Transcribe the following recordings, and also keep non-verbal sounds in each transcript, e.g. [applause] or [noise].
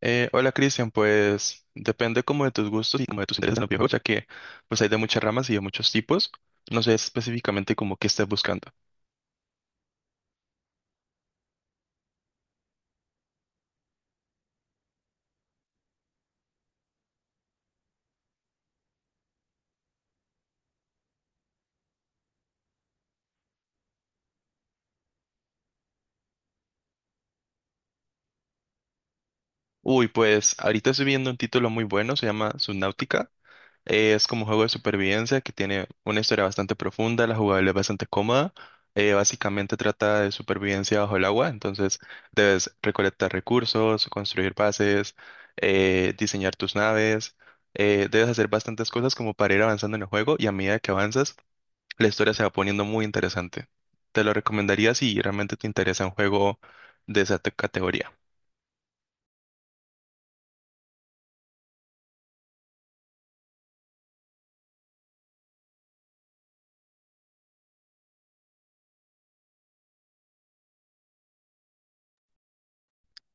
Hola Cristian, pues depende como de tus gustos y como de tus intereses en los videojuegos, ya que pues hay de muchas ramas y de muchos tipos. No sé específicamente como qué estás buscando. Uy, pues ahorita estoy viendo un título muy bueno, se llama Subnautica. Es como un juego de supervivencia que tiene una historia bastante profunda, la jugabilidad es bastante cómoda. Básicamente trata de supervivencia bajo el agua, entonces debes recolectar recursos, construir bases, diseñar tus naves, debes hacer bastantes cosas como para ir avanzando en el juego y a medida que avanzas, la historia se va poniendo muy interesante. Te lo recomendaría si realmente te interesa un juego de esa categoría.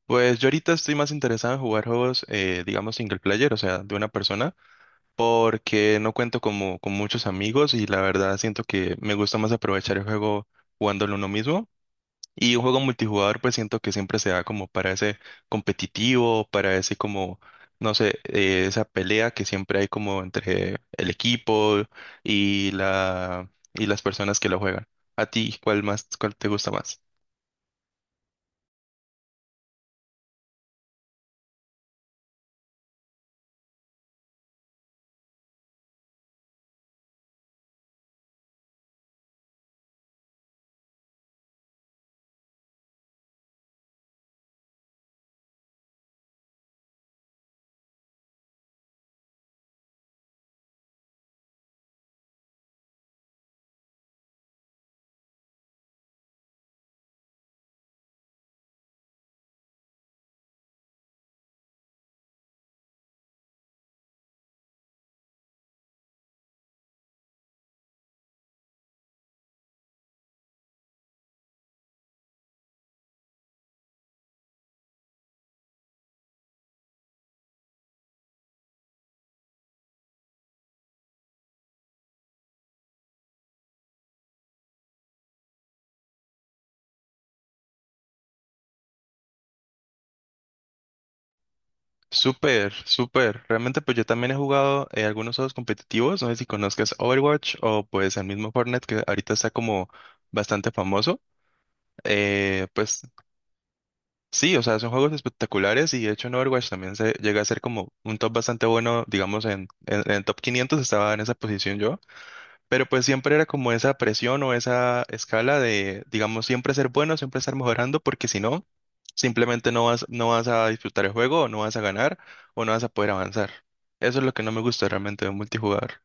Pues yo ahorita estoy más interesado en jugar juegos, digamos, single player, o sea, de una persona. Porque no cuento como con muchos amigos y la verdad siento que me gusta más aprovechar el juego jugándolo uno mismo. Y un juego multijugador pues siento que siempre se da como para ese competitivo, para ese como, no sé, esa pelea que siempre hay como entre el equipo y la y las personas que lo juegan. ¿A ti cuál más, cuál te gusta más? Súper, súper. Realmente pues yo también he jugado algunos juegos competitivos, no sé si conozcas Overwatch o pues el mismo Fortnite que ahorita está como bastante famoso. Pues sí, o sea, son juegos espectaculares y de hecho en Overwatch también se llega a ser como un top bastante bueno, digamos en, en el top 500 estaba en esa posición yo. Pero pues siempre era como esa presión o esa escala de, digamos, siempre ser bueno, siempre estar mejorando, porque si no, simplemente no vas a disfrutar el juego, o no vas a ganar, o no vas a poder avanzar. Eso es lo que no me gusta realmente de un multijugador.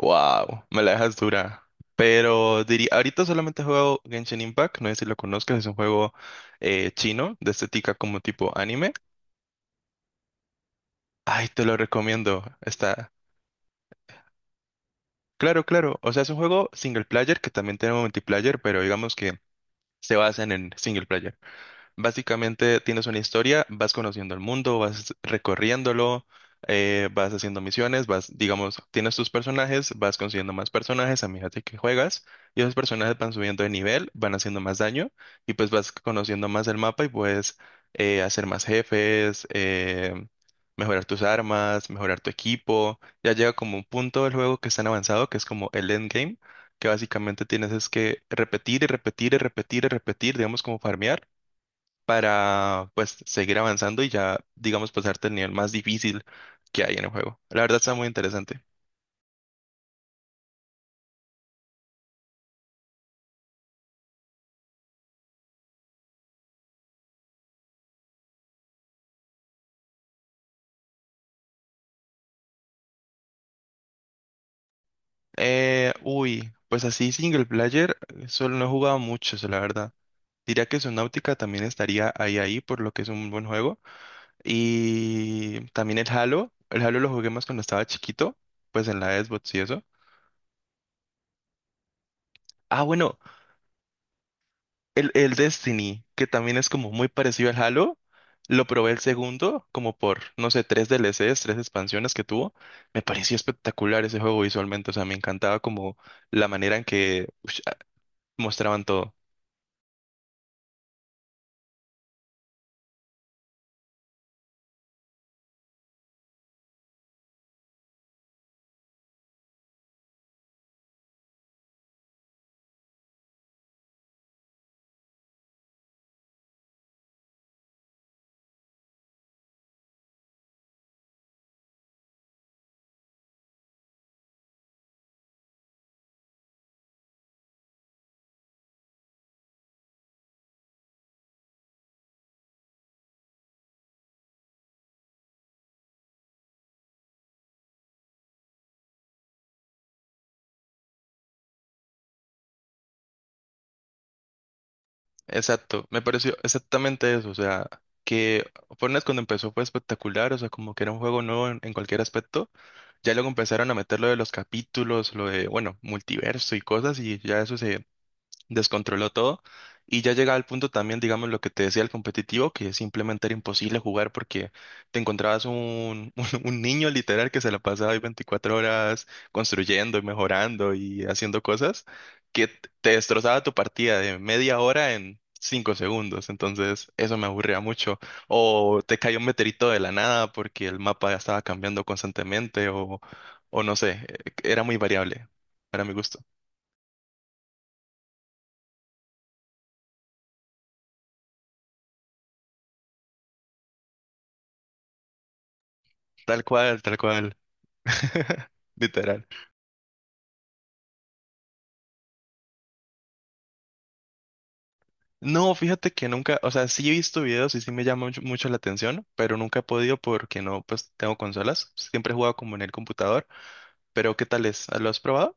Wow, me la dejas dura. Pero diría, ahorita solamente he jugado Genshin Impact, no sé si lo conozcas, es un juego chino de estética como tipo anime. Ay, te lo recomiendo. Está. Claro, claro. O sea, es un juego single player que también tiene multiplayer, pero digamos que se basan en single player. Básicamente tienes una historia, vas conociendo el mundo, vas recorriéndolo, vas haciendo misiones, vas, digamos, tienes tus personajes, vas consiguiendo más personajes a medida de que juegas y esos personajes van subiendo de nivel, van haciendo más daño y pues vas conociendo más el mapa y puedes hacer más jefes, mejorar tus armas, mejorar tu equipo. Ya llega como un punto del juego que es tan avanzado que es como el endgame, que básicamente tienes es que repetir y repetir y repetir y repetir, digamos como farmear para pues seguir avanzando y ya, digamos, pasarte el nivel más difícil que hay en el juego. La verdad está muy interesante. Pues así single player, solo no he jugado mucho, eso, la verdad. Diría que Subnautica también estaría ahí, por lo que es un buen juego. Y también el Halo lo jugué más cuando estaba chiquito, pues en la Xbox y eso. Ah, bueno. El Destiny, que también es como muy parecido al Halo, lo probé el segundo, como por, no sé, tres DLCs, tres expansiones que tuvo. Me pareció espectacular ese juego visualmente, o sea, me encantaba como la manera en que mostraban todo. Exacto, me pareció exactamente eso, o sea, que Fortnite cuando empezó fue espectacular, o sea, como que era un juego nuevo en, cualquier aspecto. Ya luego empezaron a meter lo de los capítulos, lo de, bueno, multiverso y cosas, y ya eso se descontroló todo y ya llegaba al punto también, digamos, lo que te decía el competitivo, que simplemente era imposible jugar porque te encontrabas [laughs] un niño literal que se la pasaba ahí 24 horas construyendo y mejorando y haciendo cosas que te destrozaba tu partida de media hora en cinco segundos, entonces eso me aburría mucho. O te cayó un meteorito de la nada porque el mapa ya estaba cambiando constantemente, o no sé, era muy variable para mi gusto. Tal cual, tal cual. [laughs] Literal. No, fíjate que nunca, o sea, sí he visto videos y sí me llama mucho, mucho la atención, pero nunca he podido porque no, pues tengo consolas. Siempre he jugado como en el computador, pero ¿qué tal es? ¿Lo has probado?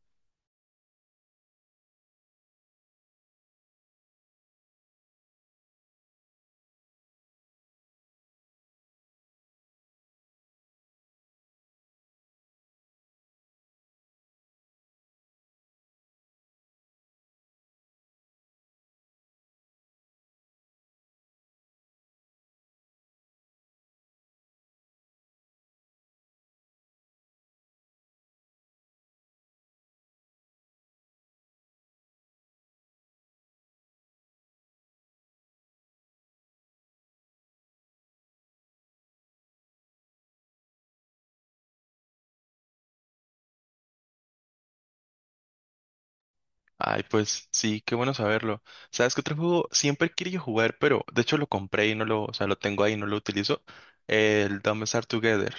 Ay, pues sí, qué bueno saberlo. ¿Sabes qué otro juego siempre he querido jugar, pero de hecho lo compré y no lo, o sea, lo tengo ahí y no lo utilizo? El Dumb and Star Together.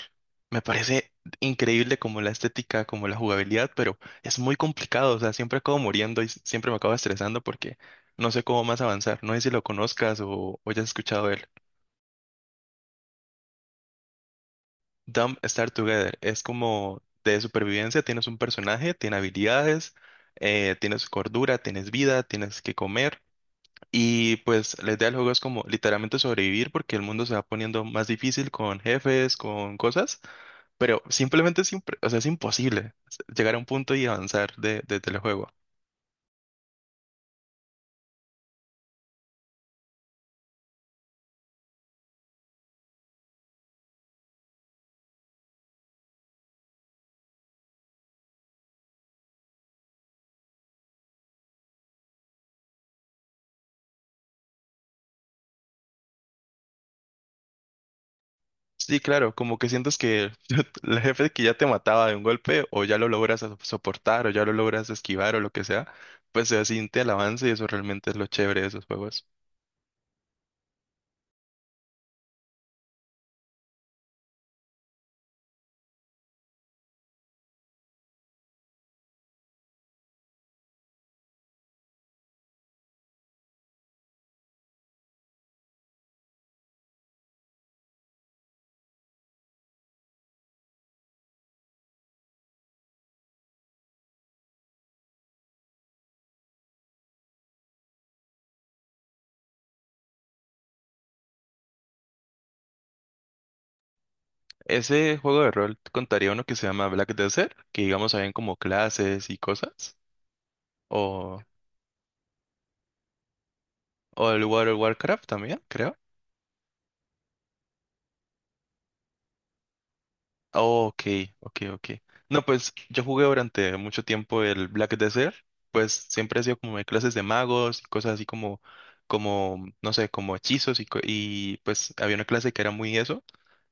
Me parece increíble como la estética, como la jugabilidad, pero es muy complicado, o sea, siempre acabo muriendo y siempre me acabo estresando porque no sé cómo más avanzar. No sé si lo conozcas o ya has escuchado de él. Dumb Star Together es como de supervivencia, tienes un personaje, tiene habilidades, tienes cordura, tienes vida, tienes que comer. Y pues la idea del juego es como literalmente sobrevivir porque el mundo se va poniendo más difícil con jefes, con cosas, pero simplemente es, o sea, es imposible llegar a un punto y avanzar desde el juego. Sí, claro, como que sientes que [laughs] el jefe que ya te mataba de un golpe o ya lo logras soportar o ya lo logras esquivar o lo que sea, pues se siente el avance y eso realmente es lo chévere de esos juegos. Ese juego de rol contaría uno que se llama Black Desert, que digamos habían como clases y cosas. O O el World of Warcraft también, creo. Oh, ok, ok, ok. No, pues yo jugué durante mucho tiempo el Black Desert, pues siempre he sido como de clases de magos y cosas así como, como, no sé, como hechizos y pues había una clase que era muy eso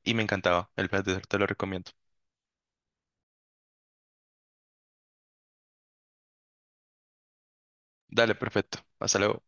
y me encantaba. El Black Desert te lo recomiendo. Dale, perfecto. Hasta luego.